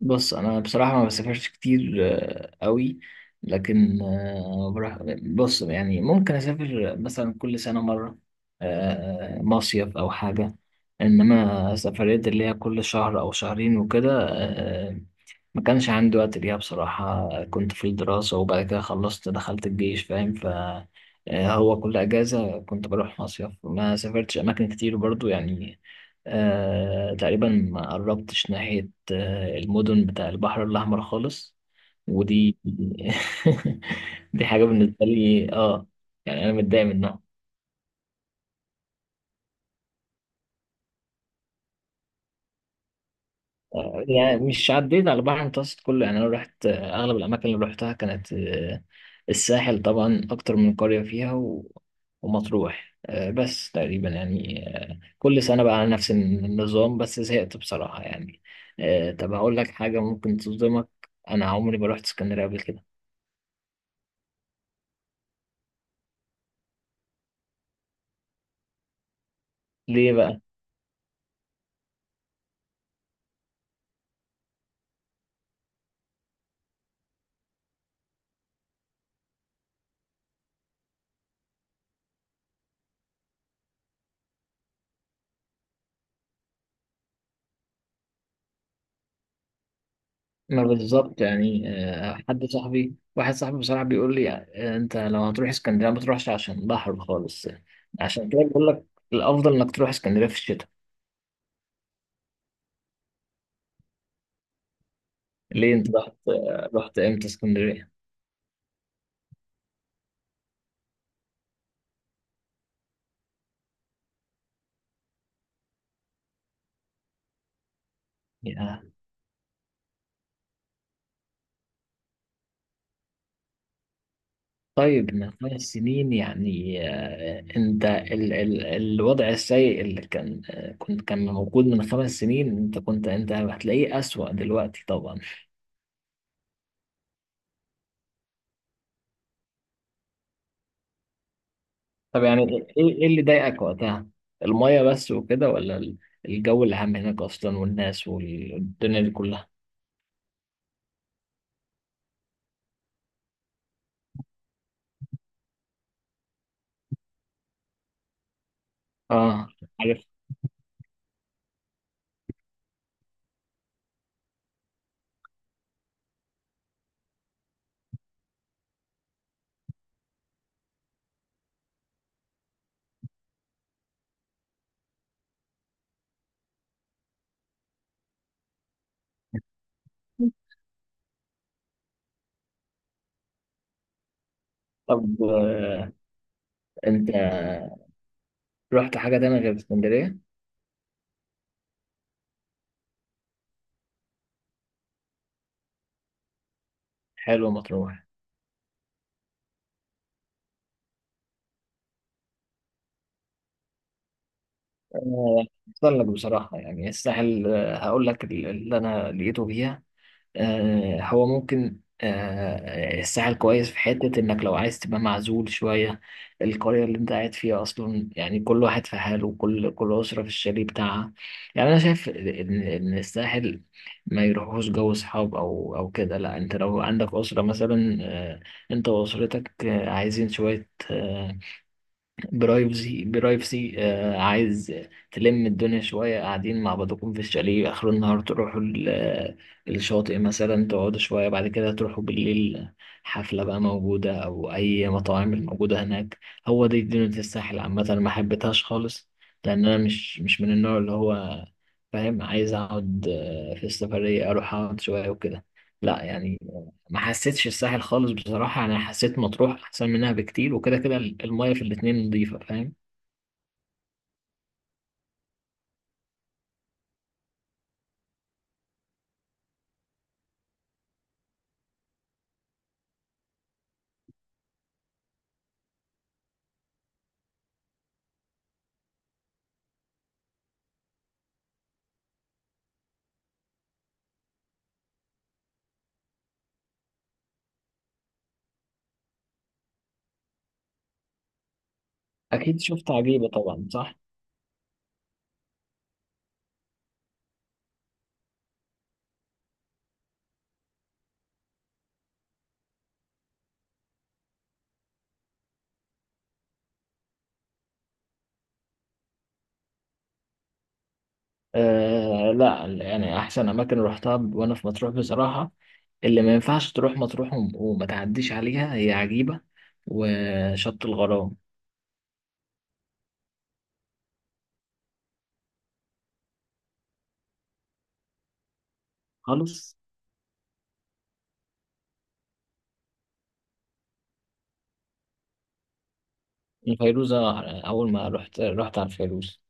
بص، انا بصراحه ما بسافرش كتير، قوي. لكن بروح، بص يعني ممكن اسافر مثلا كل سنه مره، مصيف او حاجه. انما سفريات اللي هي كل شهر او شهرين وكده، ما كانش عندي وقت ليها بصراحه. كنت في الدراسه، وبعد كده خلصت دخلت الجيش، فاهم. ف آه، هو كل اجازه كنت بروح مصيف، ما سافرتش اماكن كتير برضو، يعني. تقريبا ما قربتش ناحية المدن بتاع البحر الأحمر خالص. ودي دي حاجة بالنسبة لي، اه. يعني أنا متضايق منها. يعني مش عديت على البحر المتوسط كله، يعني أنا رحت، أغلب الأماكن اللي رحتها كانت، الساحل طبعا، أكتر من قرية فيها ومطروح، بس تقريبا يعني، كل سنة بقى على نفس النظام، بس زهقت بصراحة، يعني. طب هقول لك حاجة ممكن تصدمك. أنا عمري ما رحت اسكندرية قبل كده. ليه بقى؟ ما بالظبط، يعني حد صاحبي واحد صاحبي بصراحة بيقول لي، انت لو هتروح اسكندرية ما تروحش عشان بحر خالص. عشان كده بقول لك، الأفضل انك تروح اسكندرية في الشتاء. ليه انت رحت امتى اسكندرية؟ يا طيب، من 5 سنين يعني انت ال الوضع السيء اللي كان، كان موجود من 5 سنين، انت هتلاقيه أسوأ دلوقتي طبعا. طب يعني ايه؟ ايه اللي ضايقك وقتها؟ المية بس وكده، ولا الجو العام هناك اصلا والناس والدنيا دي كلها؟ اه، عارف. طب، انت رحت حاجة تانية غير اسكندرية؟ حلوة مطروح. آه، أحسن لك بصراحة، يعني الساحل، هقول لك اللي أنا لقيته فيها. هو ممكن، الساحل كويس في حتة إنك لو عايز تبقى معزول شوية. القرية اللي أنت قاعد فيها أصلا، يعني كل واحد في حاله، وكل أسرة في الشاليه بتاعها. يعني أنا شايف إن الساحل ما يروحوش جو صحاب أو كده. لا، أنت لو عندك أسرة مثلا، أنت وأسرتك، عايزين شوية، برايفسي، عايز تلم الدنيا شوية، قاعدين مع بعضكم في الشاليه، آخر النهار تروحوا الشاطئ مثلا، تقعدوا شوية، بعد كده تروحوا بالليل حفلة بقى موجودة أو أي مطاعم موجودة هناك. هو دي دنيا الساحل عامة، أنا ما حبيتهاش خالص. لأن أنا مش من النوع اللي هو، فاهم، عايز أقعد، في السفرية أروح أقعد شوية وكده، لا يعني. ما حسيتش الساحل خالص بصراحة، أنا حسيت مطروح أحسن منها بكتير، وكده كده المية في الاتنين نضيفة، فاهم. أكيد شفت عجيبة طبعا، صح؟ لا، يعني أحسن أماكن روحتها وأنا في مطروح بصراحة. اللي ما ينفعش تروح مطروح وما تعديش عليها هي عجيبة وشط الغرام خالص. الفيروزة أول ما رحت على الفيروز.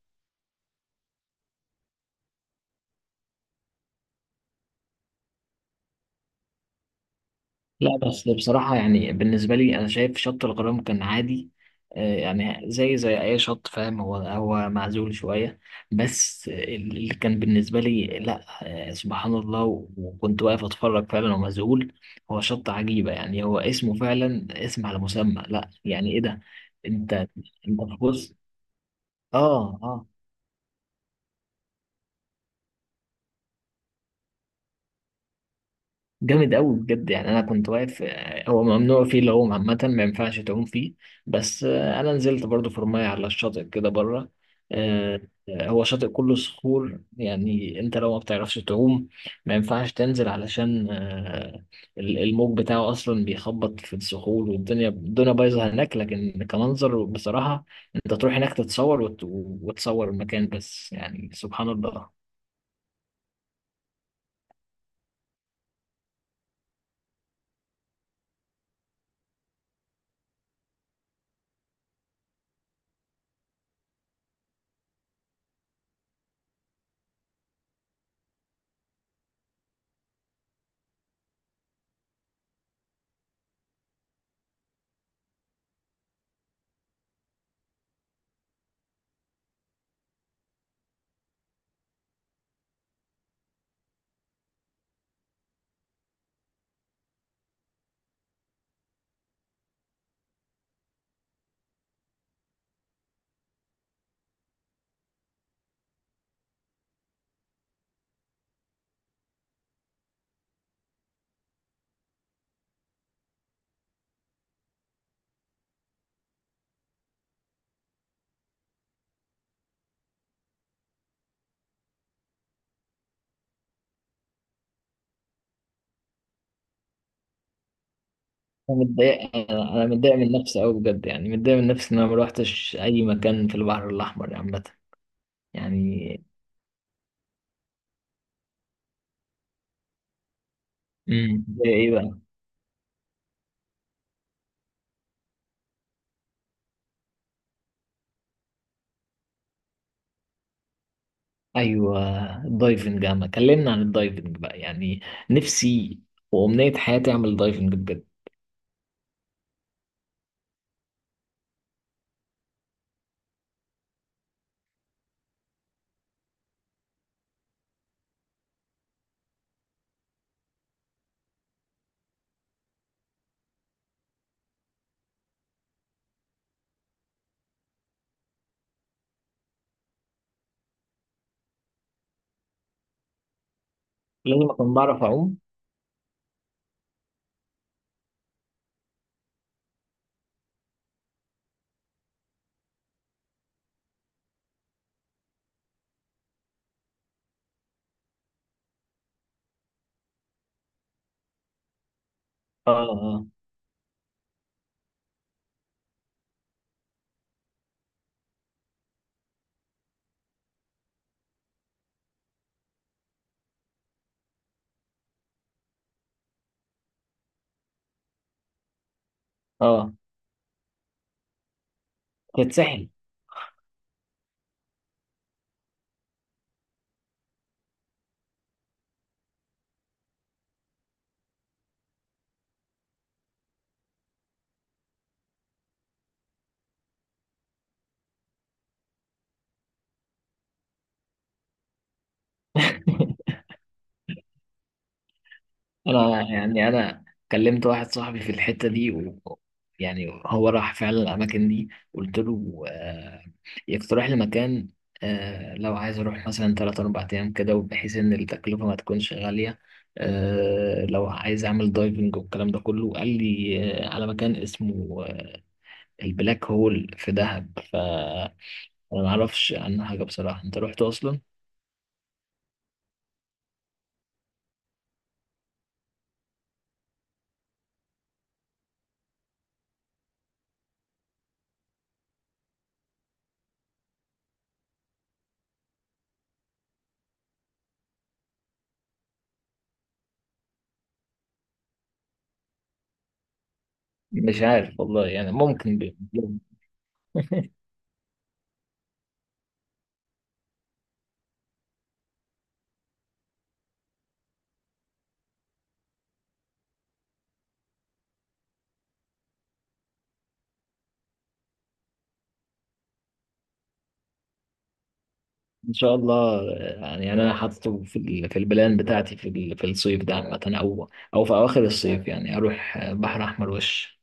لا، بس بصراحة يعني بالنسبة لي أنا شايف شط الغرام كان عادي. يعني زي أي شط، فاهم، هو معزول شوية. بس اللي كان بالنسبة لي، لا، سبحان الله، وكنت واقف أتفرج فعلا ومذهول. هو شط عجيبة، يعني هو اسمه فعلا اسم على مسمى، لا يعني إيه ده. أنت في جزء، آه آه جامد قوي، بجد، يعني انا كنت واقف، هو ممنوع فيه العوم عامه، ما ينفعش تعوم فيه. بس انا نزلت برضو في رماية على الشاطئ كده بره. آه، هو شاطئ كله صخور، يعني انت لو ما بتعرفش تعوم ما ينفعش تنزل، علشان الموج بتاعه اصلا بيخبط في الصخور، والدنيا الدنيا بايظه هناك، لكن كمنظر بصراحه، انت تروح هناك تتصور وتصور المكان بس، يعني سبحان الله. انا متضايق انا أنا متضايق من نفسي قوي، بجد، يعني متضايق من نفسي ان انا ما روحتش اي مكان في البحر الاحمر، يعني عامه. يعني زي ايه بقى؟ ايوه، الدايفنج يا عم، كلمنا عن الدايفنج بقى، يعني نفسي وامنيه حياتي اعمل دايفنج بجد. لازم اكون بعرف اعوم؟ اه، اه، اه. في الساحل. انا يعني انا كلمت واحد صاحبي في الحته دي يعني هو راح فعلا الاماكن دي، قلت له يقترح لي مكان، لو عايز اروح مثلا 3 4 ايام كده، وبحيث ان التكلفه ما تكونش غاليه، لو عايز اعمل دايفنج والكلام ده كله. قال لي على مكان اسمه البلاك هول في دهب، فانا ما اعرفش عنه حاجه بصراحه. انت رحت اصلا؟ مش عارف والله، يعني ممكن ان شاء الله، يعني انا حاطه في في البلان بتاعتي في في الصيف ده عامه، او في اواخر الصيف، يعني اروح بحر احمر وش